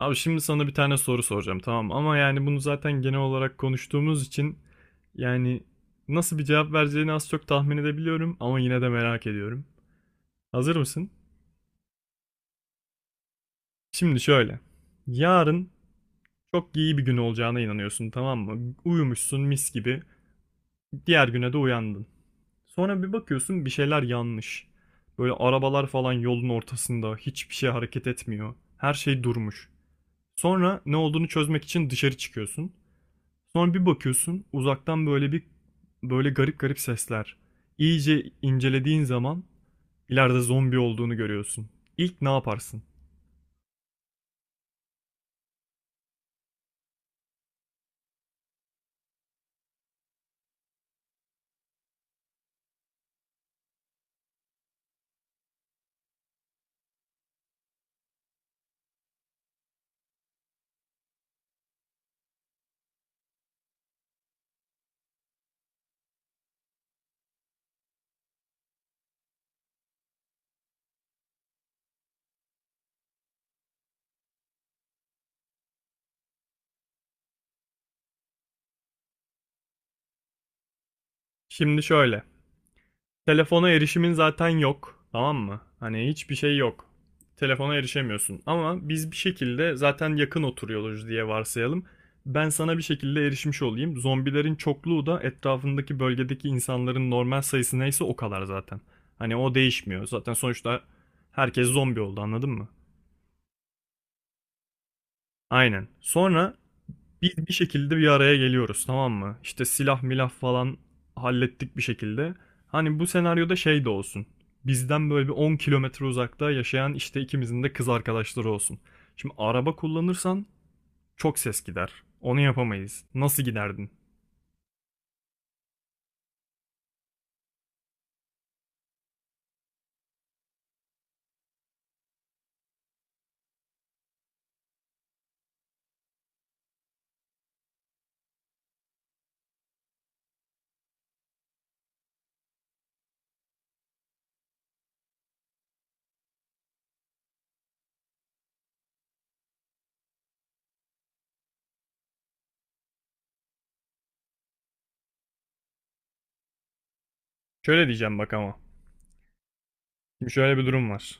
Abi şimdi sana bir tane soru soracağım tamam ama yani bunu zaten genel olarak konuştuğumuz için yani nasıl bir cevap vereceğini az çok tahmin edebiliyorum ama yine de merak ediyorum. Hazır mısın? Şimdi şöyle. Yarın çok iyi bir gün olacağına inanıyorsun tamam mı? Uyumuşsun mis gibi. Diğer güne de uyandın. Sonra bir bakıyorsun bir şeyler yanlış. Böyle arabalar falan yolun ortasında hiçbir şey hareket etmiyor. Her şey durmuş. Sonra ne olduğunu çözmek için dışarı çıkıyorsun. Sonra bir bakıyorsun uzaktan böyle garip garip sesler. İyice incelediğin zaman ileride zombi olduğunu görüyorsun. İlk ne yaparsın? Şimdi şöyle. Telefona erişimin zaten yok. Tamam mı? Hani hiçbir şey yok. Telefona erişemiyorsun. Ama biz bir şekilde zaten yakın oturuyoruz diye varsayalım. Ben sana bir şekilde erişmiş olayım. Zombilerin çokluğu da etrafındaki bölgedeki insanların normal sayısı neyse o kadar zaten. Hani o değişmiyor. Zaten sonuçta herkes zombi oldu anladın mı? Aynen. Sonra biz bir şekilde bir araya geliyoruz tamam mı? İşte silah milah falan hallettik bir şekilde. Hani bu senaryoda şey de olsun. Bizden böyle bir 10 kilometre uzakta yaşayan işte ikimizin de kız arkadaşları olsun. Şimdi araba kullanırsan çok ses gider. Onu yapamayız. Nasıl giderdin? Şöyle diyeceğim bak ama. Şimdi şöyle bir durum var.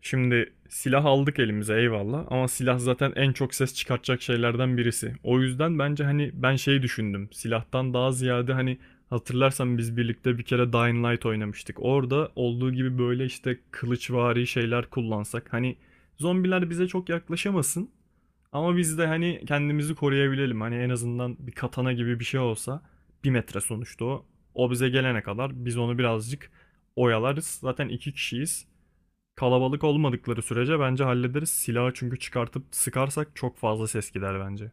Şimdi silah aldık elimize eyvallah ama silah zaten en çok ses çıkartacak şeylerden birisi. O yüzden bence hani ben şey düşündüm. Silahtan daha ziyade hani hatırlarsan biz birlikte bir kere Dying Light oynamıştık. Orada olduğu gibi böyle işte kılıçvari şeyler kullansak. Hani zombiler bize çok yaklaşamasın ama biz de hani kendimizi koruyabilelim. Hani en azından bir katana gibi bir şey olsa 1 metre sonuçta o. O bize gelene kadar biz onu birazcık oyalarız. Zaten iki kişiyiz. Kalabalık olmadıkları sürece bence hallederiz. Silahı çünkü çıkartıp sıkarsak çok fazla ses gider bence.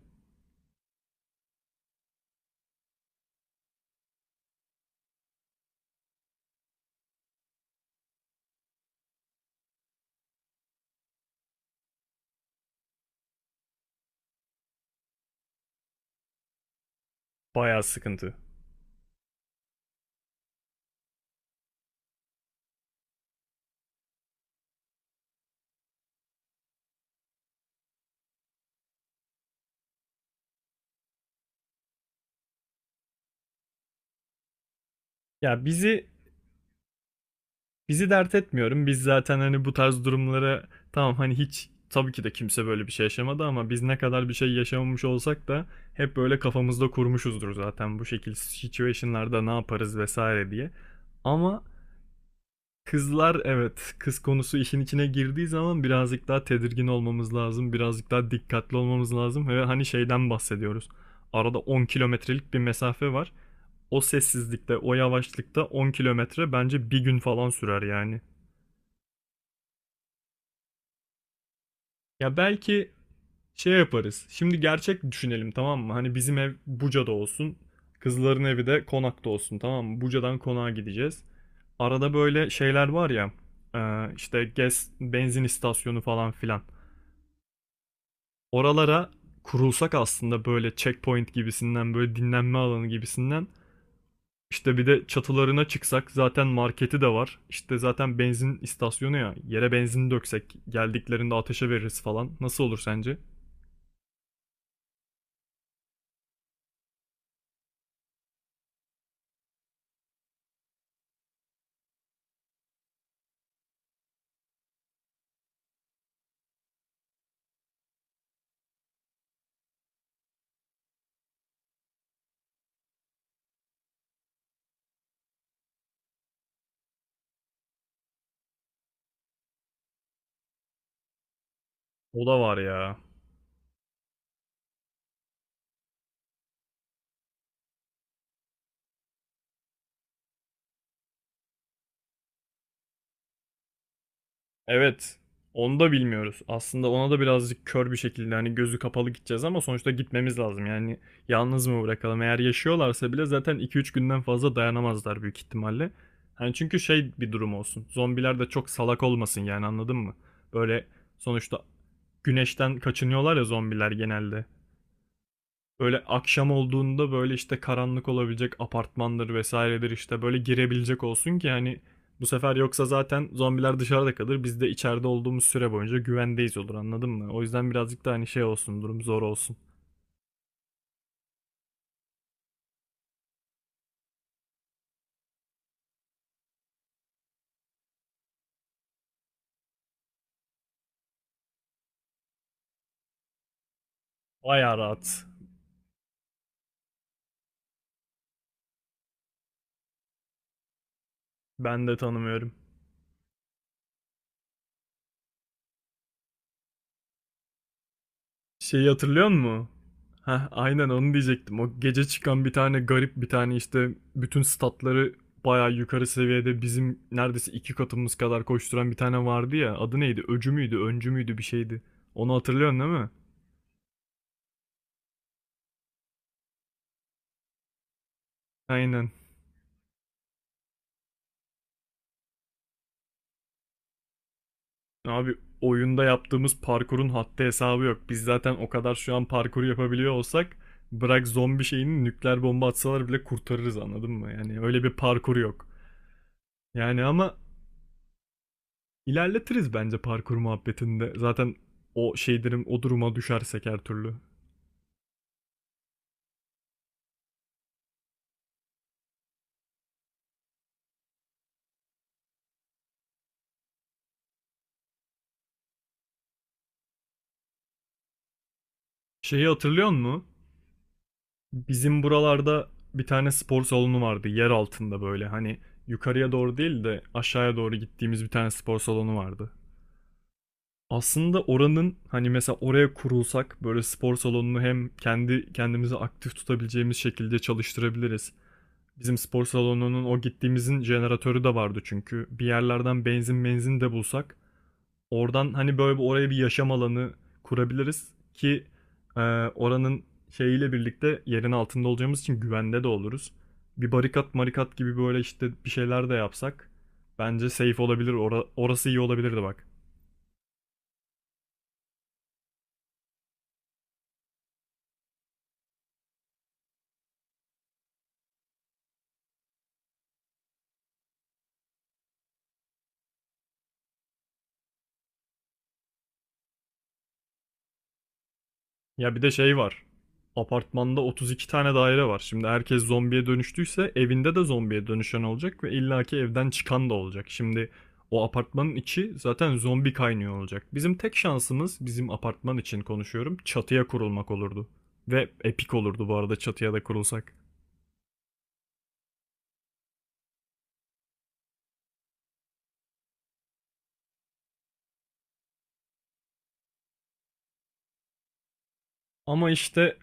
Bayağı sıkıntı. Ya bizi dert etmiyorum. Biz zaten hani bu tarz durumlara tamam hani hiç tabii ki de kimse böyle bir şey yaşamadı ama biz ne kadar bir şey yaşamamış olsak da hep böyle kafamızda kurmuşuzdur zaten bu şekil situation'larda ne yaparız vesaire diye. Ama kızlar evet, kız konusu işin içine girdiği zaman birazcık daha tedirgin olmamız lazım, birazcık daha dikkatli olmamız lazım ve hani şeyden bahsediyoruz. Arada 10 kilometrelik bir mesafe var. O sessizlikte, o yavaşlıkta 10 kilometre bence bir gün falan sürer yani. Ya belki şey yaparız. Şimdi gerçek düşünelim tamam mı? Hani bizim ev Buca'da olsun. Kızların evi de Konak'ta olsun tamam mı? Buca'dan Konak'a gideceğiz. Arada böyle şeyler var ya. İşte gez, benzin istasyonu falan filan. Oralara kurulsak aslında böyle checkpoint gibisinden böyle dinlenme alanı gibisinden işte bir de çatılarına çıksak zaten marketi de var. İşte zaten benzin istasyonu ya. Yere benzin döksek geldiklerinde ateşe veririz falan. Nasıl olur sence? O da var ya. Evet. Onu da bilmiyoruz. Aslında ona da birazcık kör bir şekilde hani gözü kapalı gideceğiz ama sonuçta gitmemiz lazım. Yani yalnız mı bırakalım? Eğer yaşıyorlarsa bile zaten iki üç günden fazla dayanamazlar büyük ihtimalle. Hani çünkü şey bir durum olsun. Zombiler de çok salak olmasın yani anladın mı? Böyle sonuçta güneşten kaçınıyorlar ya zombiler genelde. Böyle akşam olduğunda böyle işte karanlık olabilecek apartmandır vesairedir işte böyle girebilecek olsun ki hani bu sefer yoksa zaten zombiler dışarıda kalır. Biz de içeride olduğumuz süre boyunca güvendeyiz olur anladın mı? O yüzden birazcık da hani şey olsun durum zor olsun. Bayağı rahat. Ben de tanımıyorum. Şeyi hatırlıyor musun? Heh, aynen onu diyecektim. O gece çıkan bir tane garip bir tane işte bütün statları bayağı yukarı seviyede bizim neredeyse iki katımız kadar koşturan bir tane vardı ya. Adı neydi? Öcü müydü? Öncü müydü? Bir şeydi. Onu hatırlıyorsun değil mi? Aynen. Abi oyunda yaptığımız parkurun haddi hesabı yok. Biz zaten o kadar şu an parkuru yapabiliyor olsak bırak zombi şeyini nükleer bomba atsalar bile kurtarırız anladın mı? Yani öyle bir parkur yok. Yani ama İlerletiriz bence parkur muhabbetinde. Zaten o şeylerin o duruma düşersek her türlü. Şeyi hatırlıyor musun? Bizim buralarda bir tane spor salonu vardı yer altında böyle. Hani yukarıya doğru değil de aşağıya doğru gittiğimiz bir tane spor salonu vardı. Aslında oranın hani mesela oraya kurulsak böyle spor salonunu hem kendi kendimizi aktif tutabileceğimiz şekilde çalıştırabiliriz. Bizim spor salonunun o gittiğimizin jeneratörü de vardı çünkü. Bir yerlerden benzin de bulsak. Oradan hani böyle bir oraya bir yaşam alanı kurabiliriz ki e, oranın şeyiyle birlikte yerin altında olacağımız için güvende de oluruz. Bir barikat marikat gibi böyle işte bir şeyler de yapsak bence safe olabilir. Orası iyi olabilirdi bak. Ya bir de şey var. Apartmanda 32 tane daire var. Şimdi herkes zombiye dönüştüyse evinde de zombiye dönüşen olacak ve illaki evden çıkan da olacak. Şimdi o apartmanın içi zaten zombi kaynıyor olacak. Bizim tek şansımız bizim apartman için konuşuyorum çatıya kurulmak olurdu. Ve epik olurdu bu arada çatıya da kurulsak. Ama işte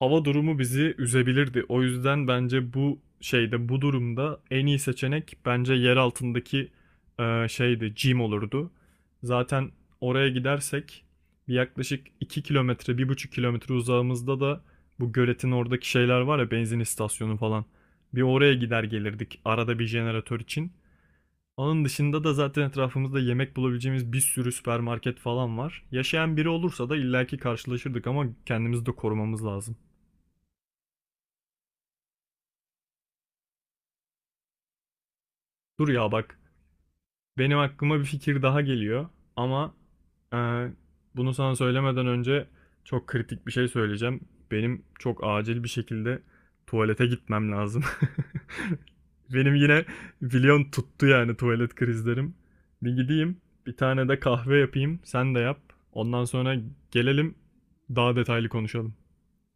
hava durumu bizi üzebilirdi. O yüzden bence bu şeyde, bu durumda en iyi seçenek bence yer altındaki şeydi, gym olurdu. Zaten oraya gidersek bir yaklaşık 2 kilometre, 1,5 kilometre uzağımızda da bu göletin oradaki şeyler var ya, benzin istasyonu falan. Bir oraya gider gelirdik arada bir jeneratör için. Onun dışında da zaten etrafımızda yemek bulabileceğimiz bir sürü süpermarket falan var. Yaşayan biri olursa da illaki karşılaşırdık ama kendimizi de korumamız lazım. Dur ya bak. Benim aklıma bir fikir daha geliyor. Ama e, bunu sana söylemeden önce çok kritik bir şey söyleyeceğim. Benim çok acil bir şekilde tuvalete gitmem lazım. Benim yine biliyorsun tuttu yani tuvalet krizlerim. Bir gideyim, bir tane de kahve yapayım, sen de yap. Ondan sonra gelelim, daha detaylı konuşalım.